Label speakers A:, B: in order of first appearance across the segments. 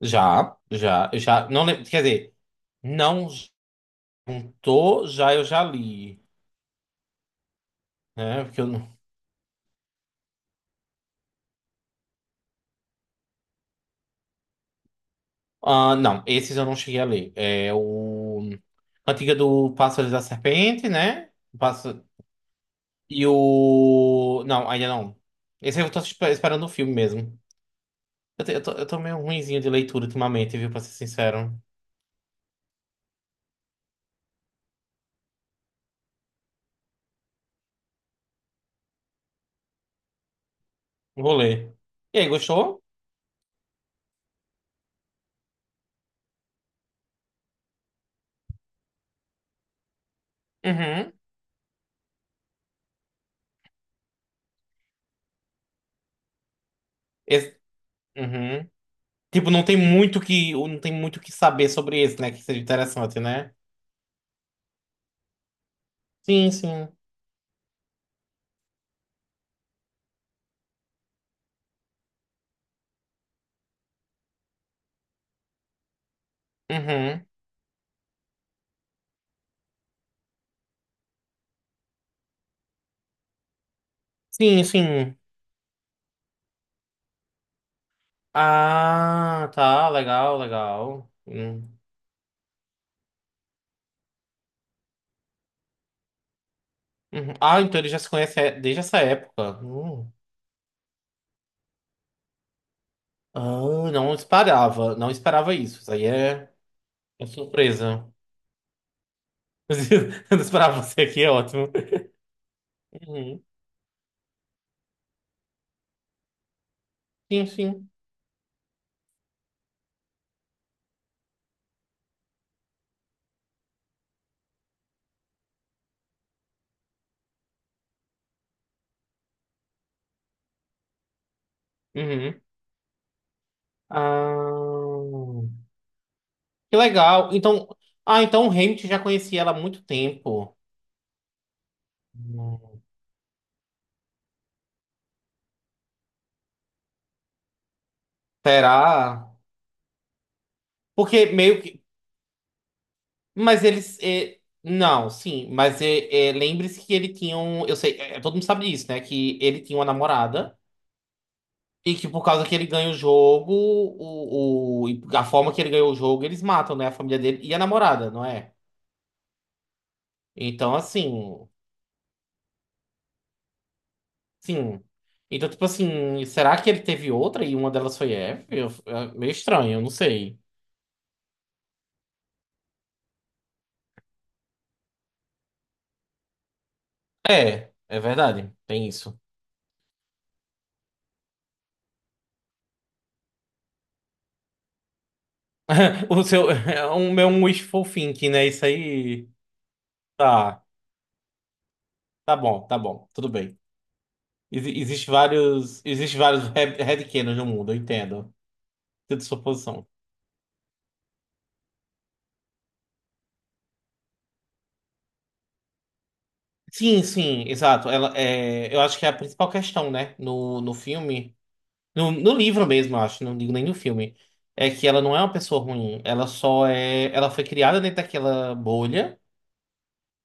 A: Já, já, eu já, não lembro, quer dizer, não juntou, já eu já li, né? Porque eu não. Ah, não, esses eu não cheguei a ler. É o Cantiga do Pássaro e da Serpente, né? O Pássaro... E o. Não, ainda não. Esse eu tô esperando o filme mesmo. Eu tô meio ruinzinho de leitura ultimamente, viu? Pra ser sincero. Vou ler. E aí, gostou? Uhum. Esse... Uhum. Tipo, não tem muito que saber sobre esse, né? Que seja interessante, né? Sim, sim. Uhum. Sim, sim. Ah, tá. Legal, legal. Hum. Uhum. Ah, então ele já se conhece desde essa época. Hum. Ah, não esperava. Não esperava isso. Isso aí é, é surpresa. Não esperava você aqui, é ótimo. Uhum. Sim, sim. Uhum. Ah, que legal. Então, ah, então o Hamilton já conhecia ela há muito tempo. Hum. Será? Porque meio que. Mas eles. Não, sim, mas é, lembre-se que ele tinha um. Eu sei, é, todo mundo sabe disso, né? Que ele tinha uma namorada e que por causa que ele ganha o jogo, o e a forma que ele ganhou o jogo, eles matam, né? A família dele e a namorada, não é? Então, assim. Sim. Então, tipo assim, será que ele teve outra e uma delas foi é meio estranho, eu não sei. É, é verdade, tem isso. O seu. É um meu um wishful thinking, né? Isso aí. Tá, tá bom, tudo bem. Existe vários, headcanons no mundo, eu entendo. Sinto sua posição. Sim, sim, exato. Ela, é, eu acho que é a principal questão, né? No filme, no livro mesmo, eu acho, não digo nem no filme, é que ela não é uma pessoa ruim. Ela só é, ela foi criada dentro daquela bolha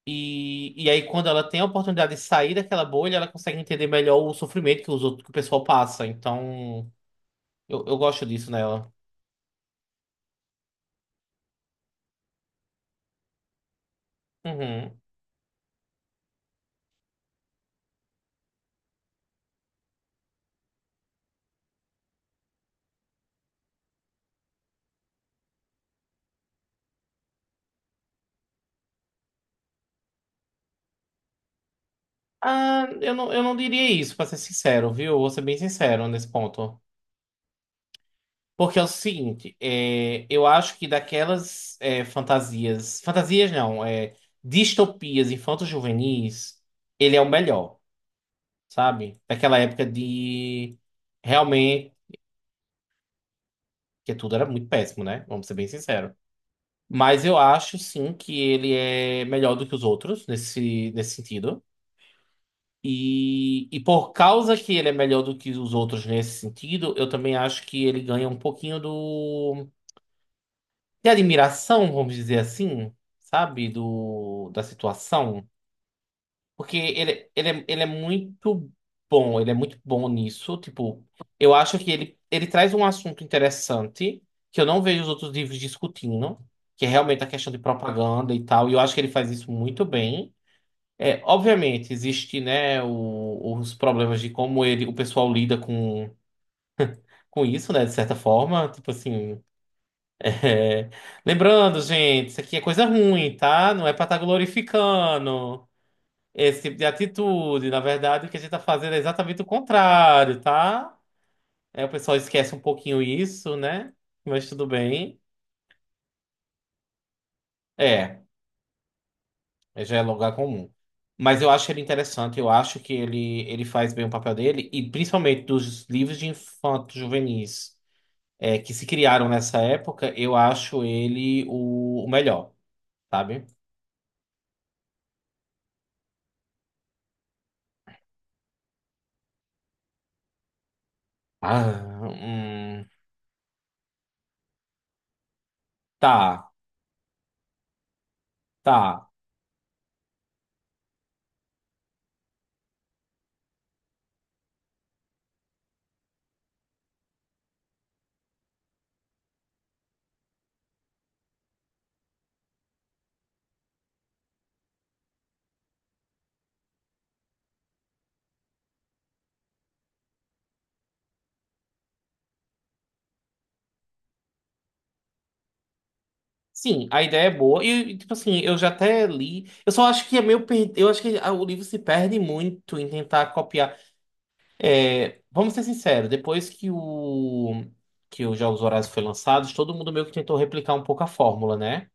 A: e aí quando ela tem a oportunidade de sair daquela bolha, ela consegue entender melhor o sofrimento que os outros, que o pessoal passa. Então, eu gosto disso nela. Uhum. Ah, eu não diria isso, pra ser sincero, viu? Vou ser bem sincero nesse ponto. Porque é o seguinte, é, eu acho que daquelas é, fantasias. Fantasias não, é, distopias infanto-juvenis, ele é o melhor, sabe? Daquela época de. Realmente. Que tudo era muito péssimo, né? Vamos ser bem sinceros. Mas eu acho, sim, que ele é melhor do que os outros, nesse sentido. E por causa que ele é melhor do que os outros nesse sentido, eu também acho que ele ganha um pouquinho do de admiração, vamos dizer assim, sabe? Do, da situação. Porque ele ele é muito bom, ele é muito bom nisso. Tipo, eu acho que ele traz um assunto interessante que eu não vejo os outros livros discutindo, que é realmente a questão de propaganda e tal. E eu acho que ele faz isso muito bem. É, obviamente, existe, né, os problemas de como ele, o pessoal lida com isso, né, de certa forma. Tipo assim, é, lembrando, gente, isso aqui é coisa ruim, tá? Não é pra estar glorificando esse tipo de atitude. Na verdade, o que a gente tá fazendo é exatamente o contrário, tá? É, o pessoal esquece um pouquinho isso, né? Mas tudo bem. É. É, já é lugar comum. Mas eu acho ele interessante, eu acho que ele faz bem o papel dele, e principalmente dos livros de infantos juvenis é, que se criaram nessa época, eu acho ele o melhor, sabe? Ah, tá, tá. Sim, a ideia é boa. E, tipo assim, eu já até li. Eu só acho que é meio per... Eu acho que ah, o livro se perde muito em tentar copiar. É, vamos ser sinceros, depois que o que os Jogos Vorazes foi lançado, todo mundo meio que tentou replicar um pouco a fórmula, né?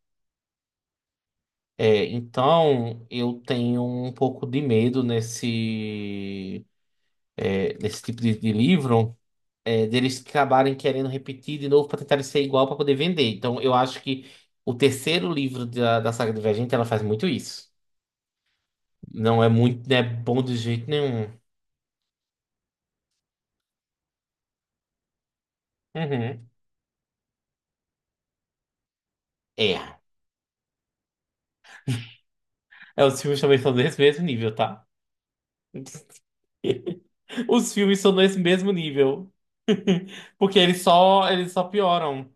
A: É, então eu tenho um pouco de medo nesse é, nesse tipo de livro é, deles acabarem querendo repetir de novo para tentar ser igual para poder vender. Então eu acho que o terceiro livro da, da saga Divergente ela faz muito isso. Não é bom de jeito nenhum. Uhum. É. É, os filmes também são desse mesmo nível, tá? Os filmes são nesse mesmo nível. Porque eles só pioram.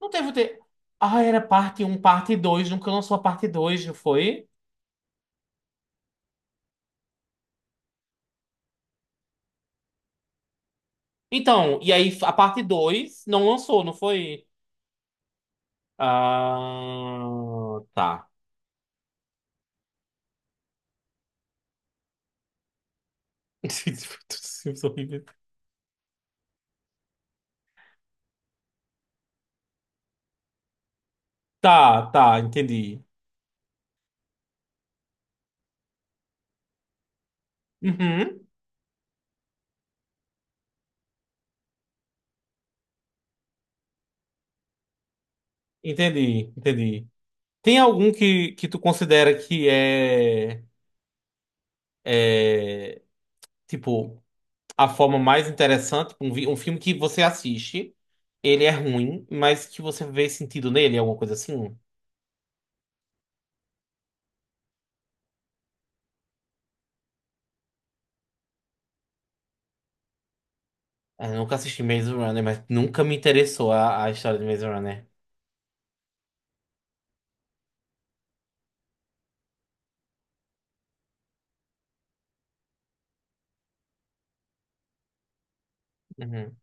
A: Não teve. Te... Ah, era parte um parte 2. Nunca lançou a parte dois não foi? Então, e aí a parte 2 não lançou, não foi? Ah, tá. Filmes horríveis. Tá, tá, entendi. Uhum, entendi, entendi. Tem algum que tu considera que é, é tipo. A forma mais interessante, um, um filme que você assiste, ele é ruim, mas que você vê sentido nele, alguma coisa assim. Ah, eu nunca assisti Maze Runner, mas nunca me interessou a história de Maze Runner. Uhum.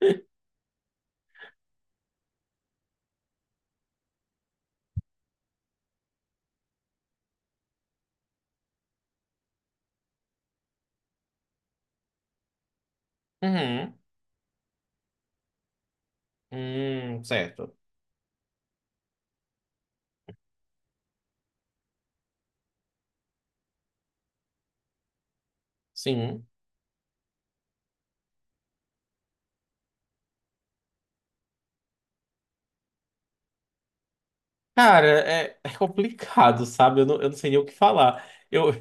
A: Uhum. Certo. Sim. Cara, é, é complicado, sabe? Eu não sei nem o que falar. Eu...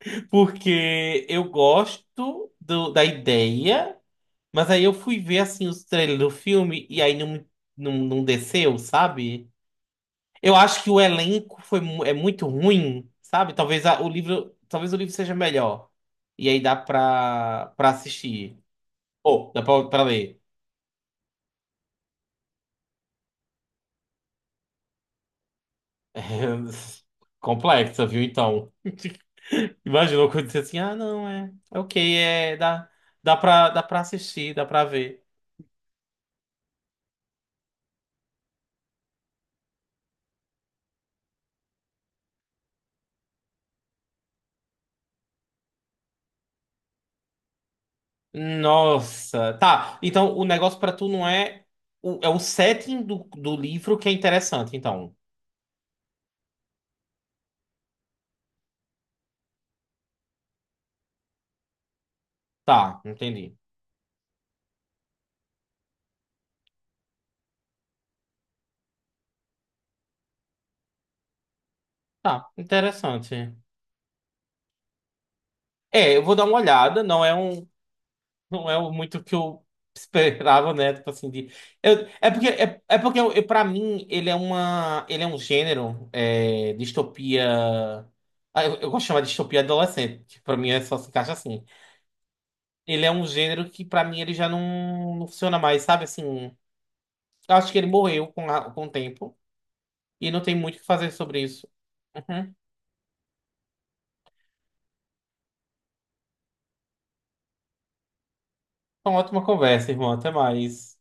A: Porque eu gosto da ideia, mas aí eu fui ver assim os trailers do filme e aí não, não desceu, sabe? Eu acho que o elenco foi, é muito ruim, sabe? Talvez o livro, talvez o livro seja melhor. E aí dá pra, pra assistir. Ou dá pra, pra ler. Complexa, viu? Então. Imagina eu dizer assim, ah, não, é. É ok, é. Dá, dá pra assistir, dá pra ver. Nossa. Tá, então o negócio pra tu não é. É o setting do, do livro que é interessante, então. Tá, entendi. Tá, interessante. É, eu vou dar uma olhada. Não é um. Não é muito o que eu esperava, né? Tipo assim, de... é porque, é, é porque eu, pra mim, ele é uma, ele é um gênero, é, distopia... Ah, eu gosto de chamar de distopia adolescente, que pra mim é só se encaixa assim. Ele é um gênero que pra mim ele já não funciona mais, sabe? Assim, eu acho que ele morreu com, com o tempo e não tem muito o que fazer sobre isso. Uhum. Uma ótima conversa, irmão. Até mais.